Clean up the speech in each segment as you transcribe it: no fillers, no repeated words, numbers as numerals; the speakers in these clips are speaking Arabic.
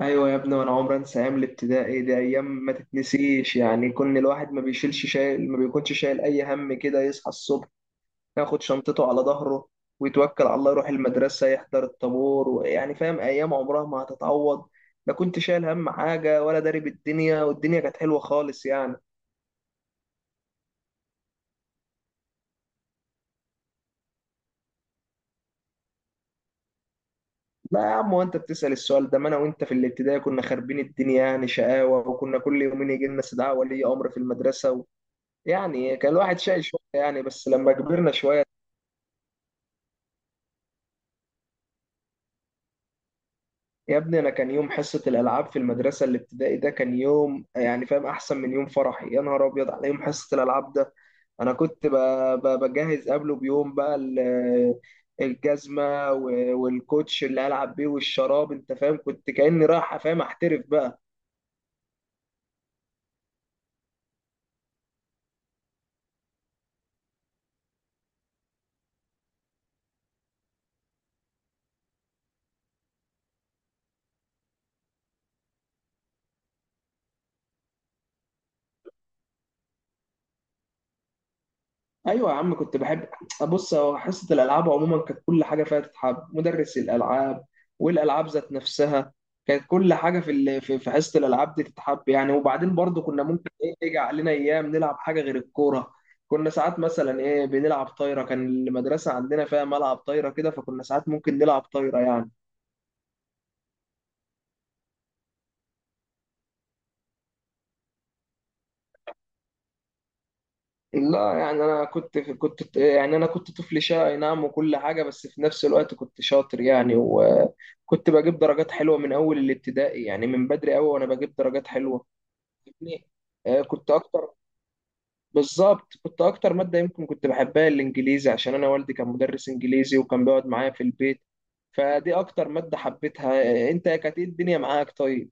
ايوه يا ابني، وانا عمري انسى ايام الابتدائي دي. ايام ما تتنسيش يعني. كون الواحد ما بيشيلش شايل، ما بيكونش شايل اي هم كده. يصحى الصبح ياخد شنطته على ظهره ويتوكل على الله، يروح المدرسه يحضر الطابور، ويعني فاهم، ايام عمرها ما هتتعوض. لا كنت شايل هم حاجه ولا داري بالدنيا، والدنيا كانت حلوه خالص يعني. لا يا عم، وانت بتسأل السؤال ده؟ ما انا وانت في الابتدائي كنا خاربين الدنيا يعني. شقاوه، وكنا كل يومين يجي لنا استدعاء ولي امر في المدرسه و... يعني كان الواحد شايل شويه يعني، بس لما كبرنا شويه. يا ابني انا كان يوم حصه الالعاب في المدرسه الابتدائي ده، كان يوم يعني فاهم؟ احسن من يوم فرحي. يا نهار ابيض على يوم حصه الالعاب ده. انا بجهز قبله بيوم بقى الجزمه والكوتش اللي العب بيه والشراب. انت فاهم؟ كنت كاني رايح، فاهم، احترف بقى. ايوه يا عم كنت بحب. ابص، هو حصه الالعاب عموما كانت كل حاجه فيها تتحب. مدرس الالعاب والالعاب ذات نفسها، كانت كل حاجه في في حصه الالعاب دي تتحب يعني. وبعدين برضو كنا ممكن ايه، يجي علينا ايام نلعب حاجه غير الكوره. كنا ساعات مثلا ايه، بنلعب طايره. كان المدرسه عندنا فيها ملعب طايره كده، فكنا ساعات ممكن نلعب طايره يعني. لا يعني، انا كنت يعني، انا كنت طفل شقي نعم وكل حاجه. بس في نفس الوقت كنت شاطر يعني، وكنت بجيب درجات حلوه من اول الابتدائي يعني، من بدري قوي وانا بجيب درجات حلوه يعني. آه، كنت اكتر، بالظبط كنت اكتر ماده يمكن كنت بحبها الانجليزي، عشان انا والدي كان مدرس انجليزي وكان بيقعد معايا في البيت. فدي اكتر ماده حبيتها. آه، انت كانت ايه الدنيا معاك طيب؟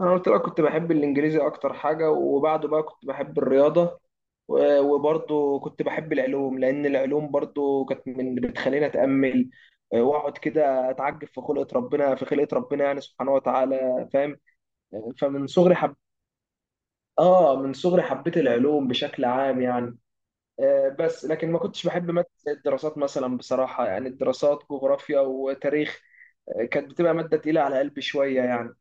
انا قلت بقى كنت بحب الانجليزي اكتر حاجه، وبعده بقى كنت بحب الرياضه. وبرضه كنت بحب العلوم، لان العلوم برضه كانت من بتخليني اتامل. آه، واقعد كده اتعجب في خلقه ربنا، في خلقه ربنا يعني سبحانه وتعالى، فاهم؟ فمن صغري حب، اه من صغري حبيت العلوم بشكل عام يعني. آه، بس لكن ما كنتش بحب ماده زي الدراسات مثلا بصراحه يعني، الدراسات جغرافيا وتاريخ. آه، كانت بتبقى ماده تقيله على قلبي شويه يعني.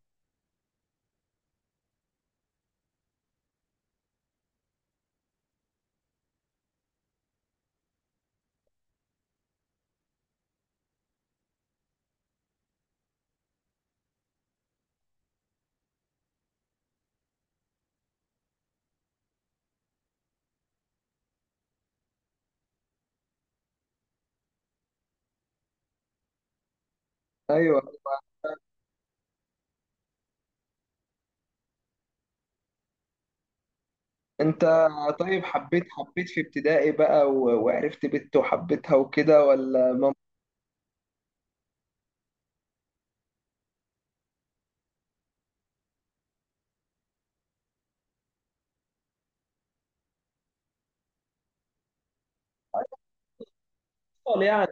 ايوه. انت طيب، حبيت في ابتدائي بقى وعرفت بنت وحبيتها وكده ولا؟ اطفال يعني.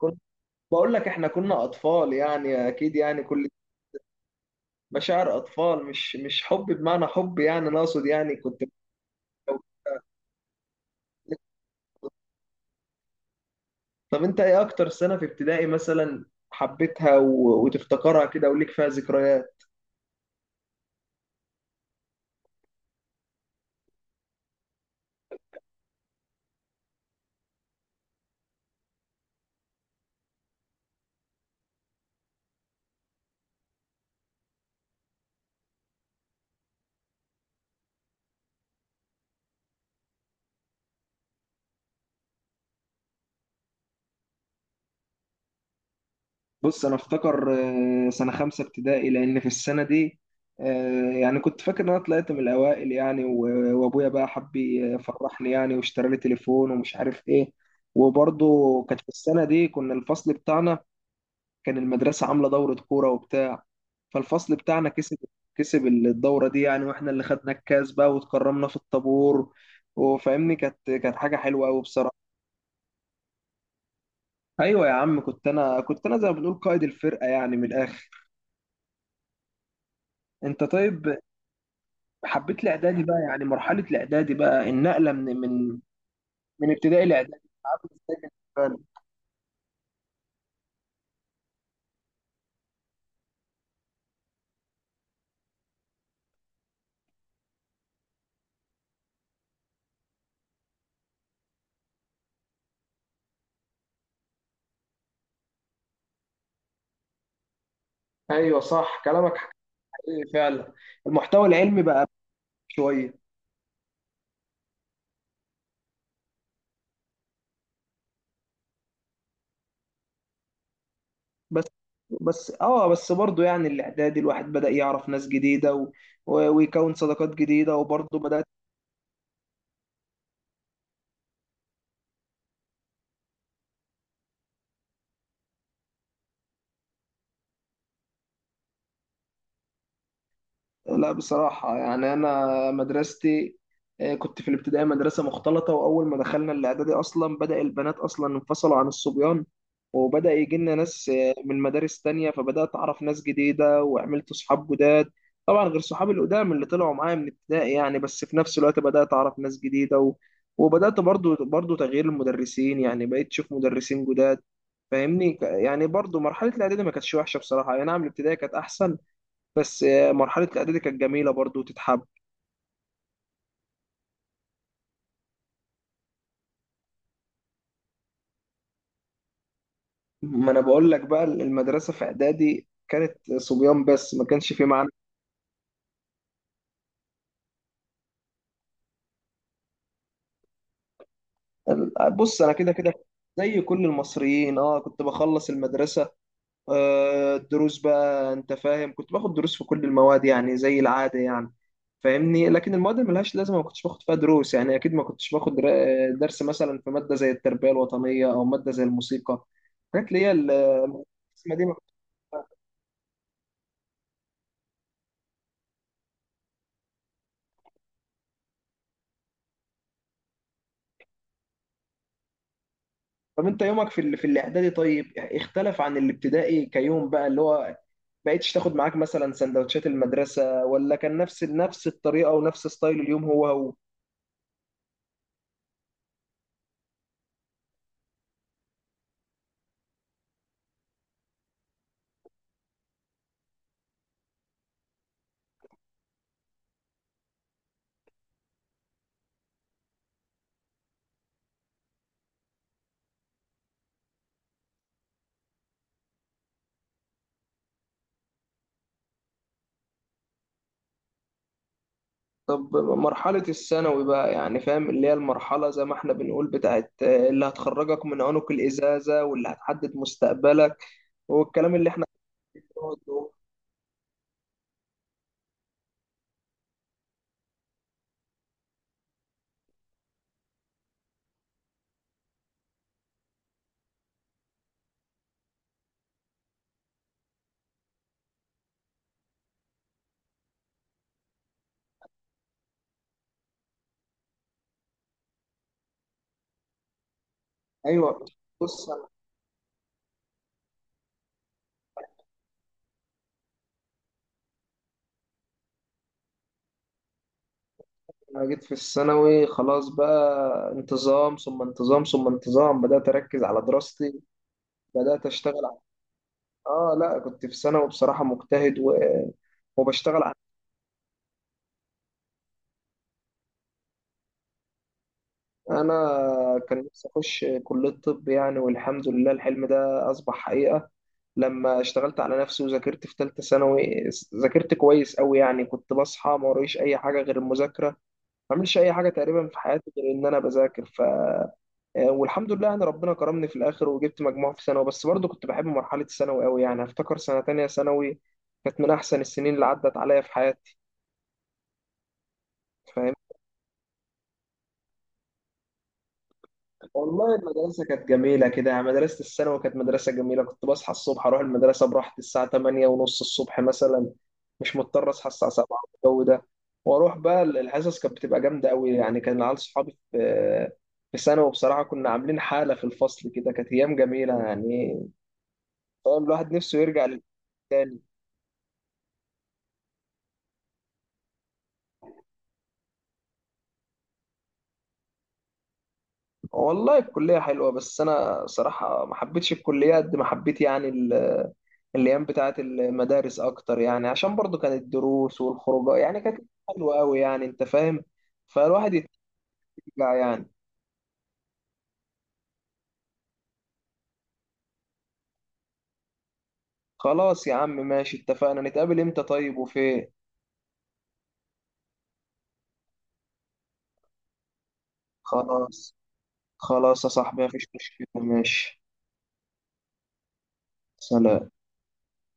كنت، بقول لك احنا كنا اطفال يعني، اكيد يعني كل مشاعر اطفال، مش حب بمعنى حب يعني. انا اقصد يعني كنت. طب انت ايه اكتر سنة في ابتدائي مثلا حبيتها و... وتفتكرها كده وليك فيها ذكريات؟ بص انا افتكر، آه، سنه خمسه ابتدائي، لان في السنه دي، آه، يعني كنت فاكر ان انا طلعت من الاوائل يعني، وابويا بقى حب يفرحني يعني، واشترى لي تليفون ومش عارف ايه. وبرضه كانت في السنه دي كنا الفصل بتاعنا، كان المدرسه عامله دوره كوره وبتاع، فالفصل بتاعنا كسب، كسب الدوره دي يعني، واحنا اللي خدنا الكاس بقى واتكرمنا في الطابور، وفاهمني كانت حاجه حلوه قوي بصراحه. ايوه يا عم كنت، انا كنت زي ما بنقول قائد الفرقه يعني من الاخر. انت طيب، حبيت الاعدادي بقى يعني؟ مرحله الاعدادي بقى، النقله من من ابتدائي لاعدادي عامل ازاي بالنسبه لك؟ ايوه صح كلامك، حقيقي فعلا. المحتوى العلمي بقى شويه. بس، بس اه، بس برضه يعني الاعدادي الواحد بدأ يعرف ناس جديده و... ويكون صداقات جديده، وبرضه بدأت. لا بصراحة يعني أنا مدرستي، آه، كنت في الابتدائي مدرسة مختلطة، وأول ما دخلنا الإعدادي أصلا بدأ البنات أصلا انفصلوا عن الصبيان، وبدأ يجي لنا ناس آه، من مدارس تانية، فبدأت أعرف ناس جديدة وعملت صحاب جداد. طبعا غير صحابي القدام اللي طلعوا معايا من ابتدائي يعني، بس في نفس الوقت بدأت أعرف ناس جديدة و... وبدأت برضو تغيير المدرسين يعني، بقيت أشوف مدرسين جداد. فاهمني يعني برضو مرحلة الإعدادي ما كانتش وحشة بصراحة يعني، نعم الابتدائي كانت أحسن، بس آه، مرحلة الإعدادي كانت جميلة برضو تتحب. ما أنا بقول لك بقى، المدرسة في إعدادي كانت صبيان بس، ما كانش في معنى. بص أنا كده كده زي كل المصريين، اه كنت بخلص المدرسة. آه، الدروس بقى، أنت فاهم كنت باخد دروس في كل المواد يعني زي العادة يعني. فاهمني، لكن المواد اللي ملهاش لازمة ما كنتش باخد فيها دروس يعني. أكيد ما كنتش باخد درس مثلا في مادة زي التربية الوطنية أو مادة زي الموسيقى، حاجات اللي هي القسمة دي ما كنتش. طب انت يومك في في الاعدادي طيب، اختلف عن الابتدائي كيوم بقى؟ اللي هو بقيتش تاخد معاك مثلا سندوتشات المدرسة، ولا كان نفس الطريقة ونفس ستايل اليوم هو هو؟ طب مرحلة الثانوي بقى يعني، فاهم اللي هي المرحلة زي ما احنا بنقول بتاعت آه، اللي هتخرجك من عنق الإزازة واللي هتحدد مستقبلك، والكلام اللي احنا بنقعد نقول. ايوه. بص انا جيت في الثانوي خلاص بقى، انتظام ثم انتظام ثم انتظام، بدأت اركز على دراستي، بدأت اشتغل. اه لا، كنت في ثانوي بصراحة مجتهد و... وبشتغل على، انا كان نفسي اخش كلية طب يعني. والحمد لله الحلم ده اصبح حقيقة لما اشتغلت على نفسي وذاكرت في ثالثة ثانوي. ذاكرت كويس قوي يعني، كنت بصحى ما وريش اي حاجة غير المذاكرة، ما بعملش اي حاجة تقريبا في حياتي غير ان انا بذاكر. ف آه، والحمد لله يعني ربنا كرمني في الاخر وجبت مجموع في ثانوي. بس برضه كنت بحب مرحلة الثانوي قوي يعني، افتكر سنة تانية ثانوي كانت من احسن السنين اللي عدت عليا في حياتي. فاهم؟ والله المدرسة كانت جميلة كده يعني، مدرسة الثانوي كانت مدرسة جميلة، كنت بصحى الصبح أروح المدرسة براحتي الساعة 8 ونص الصبح مثلا، مش مضطر أصحى الساعة 7 والجو ده. وأروح بقى الحصص كانت بتبقى جامدة أوي يعني، كان العيال صحابي في، في ثانوي بصراحة كنا عاملين حالة في الفصل كده، كانت أيام جميلة يعني. فاهم الواحد نفسه يرجع للتاني. والله الكلية حلوة، بس أنا صراحة ما حبيتش الكلية قد ما حبيت يعني الأيام بتاعة المدارس أكتر يعني، عشان برضو كانت الدروس والخروجات يعني كانت حلوة أوي يعني، أنت فاهم؟ فالواحد يترجع يعني. خلاص يا عم ماشي، اتفقنا نتقابل إمتى طيب وفين؟ خلاص، خلاص يا صاحبي مفيش مشكلة، ماشي. سلام.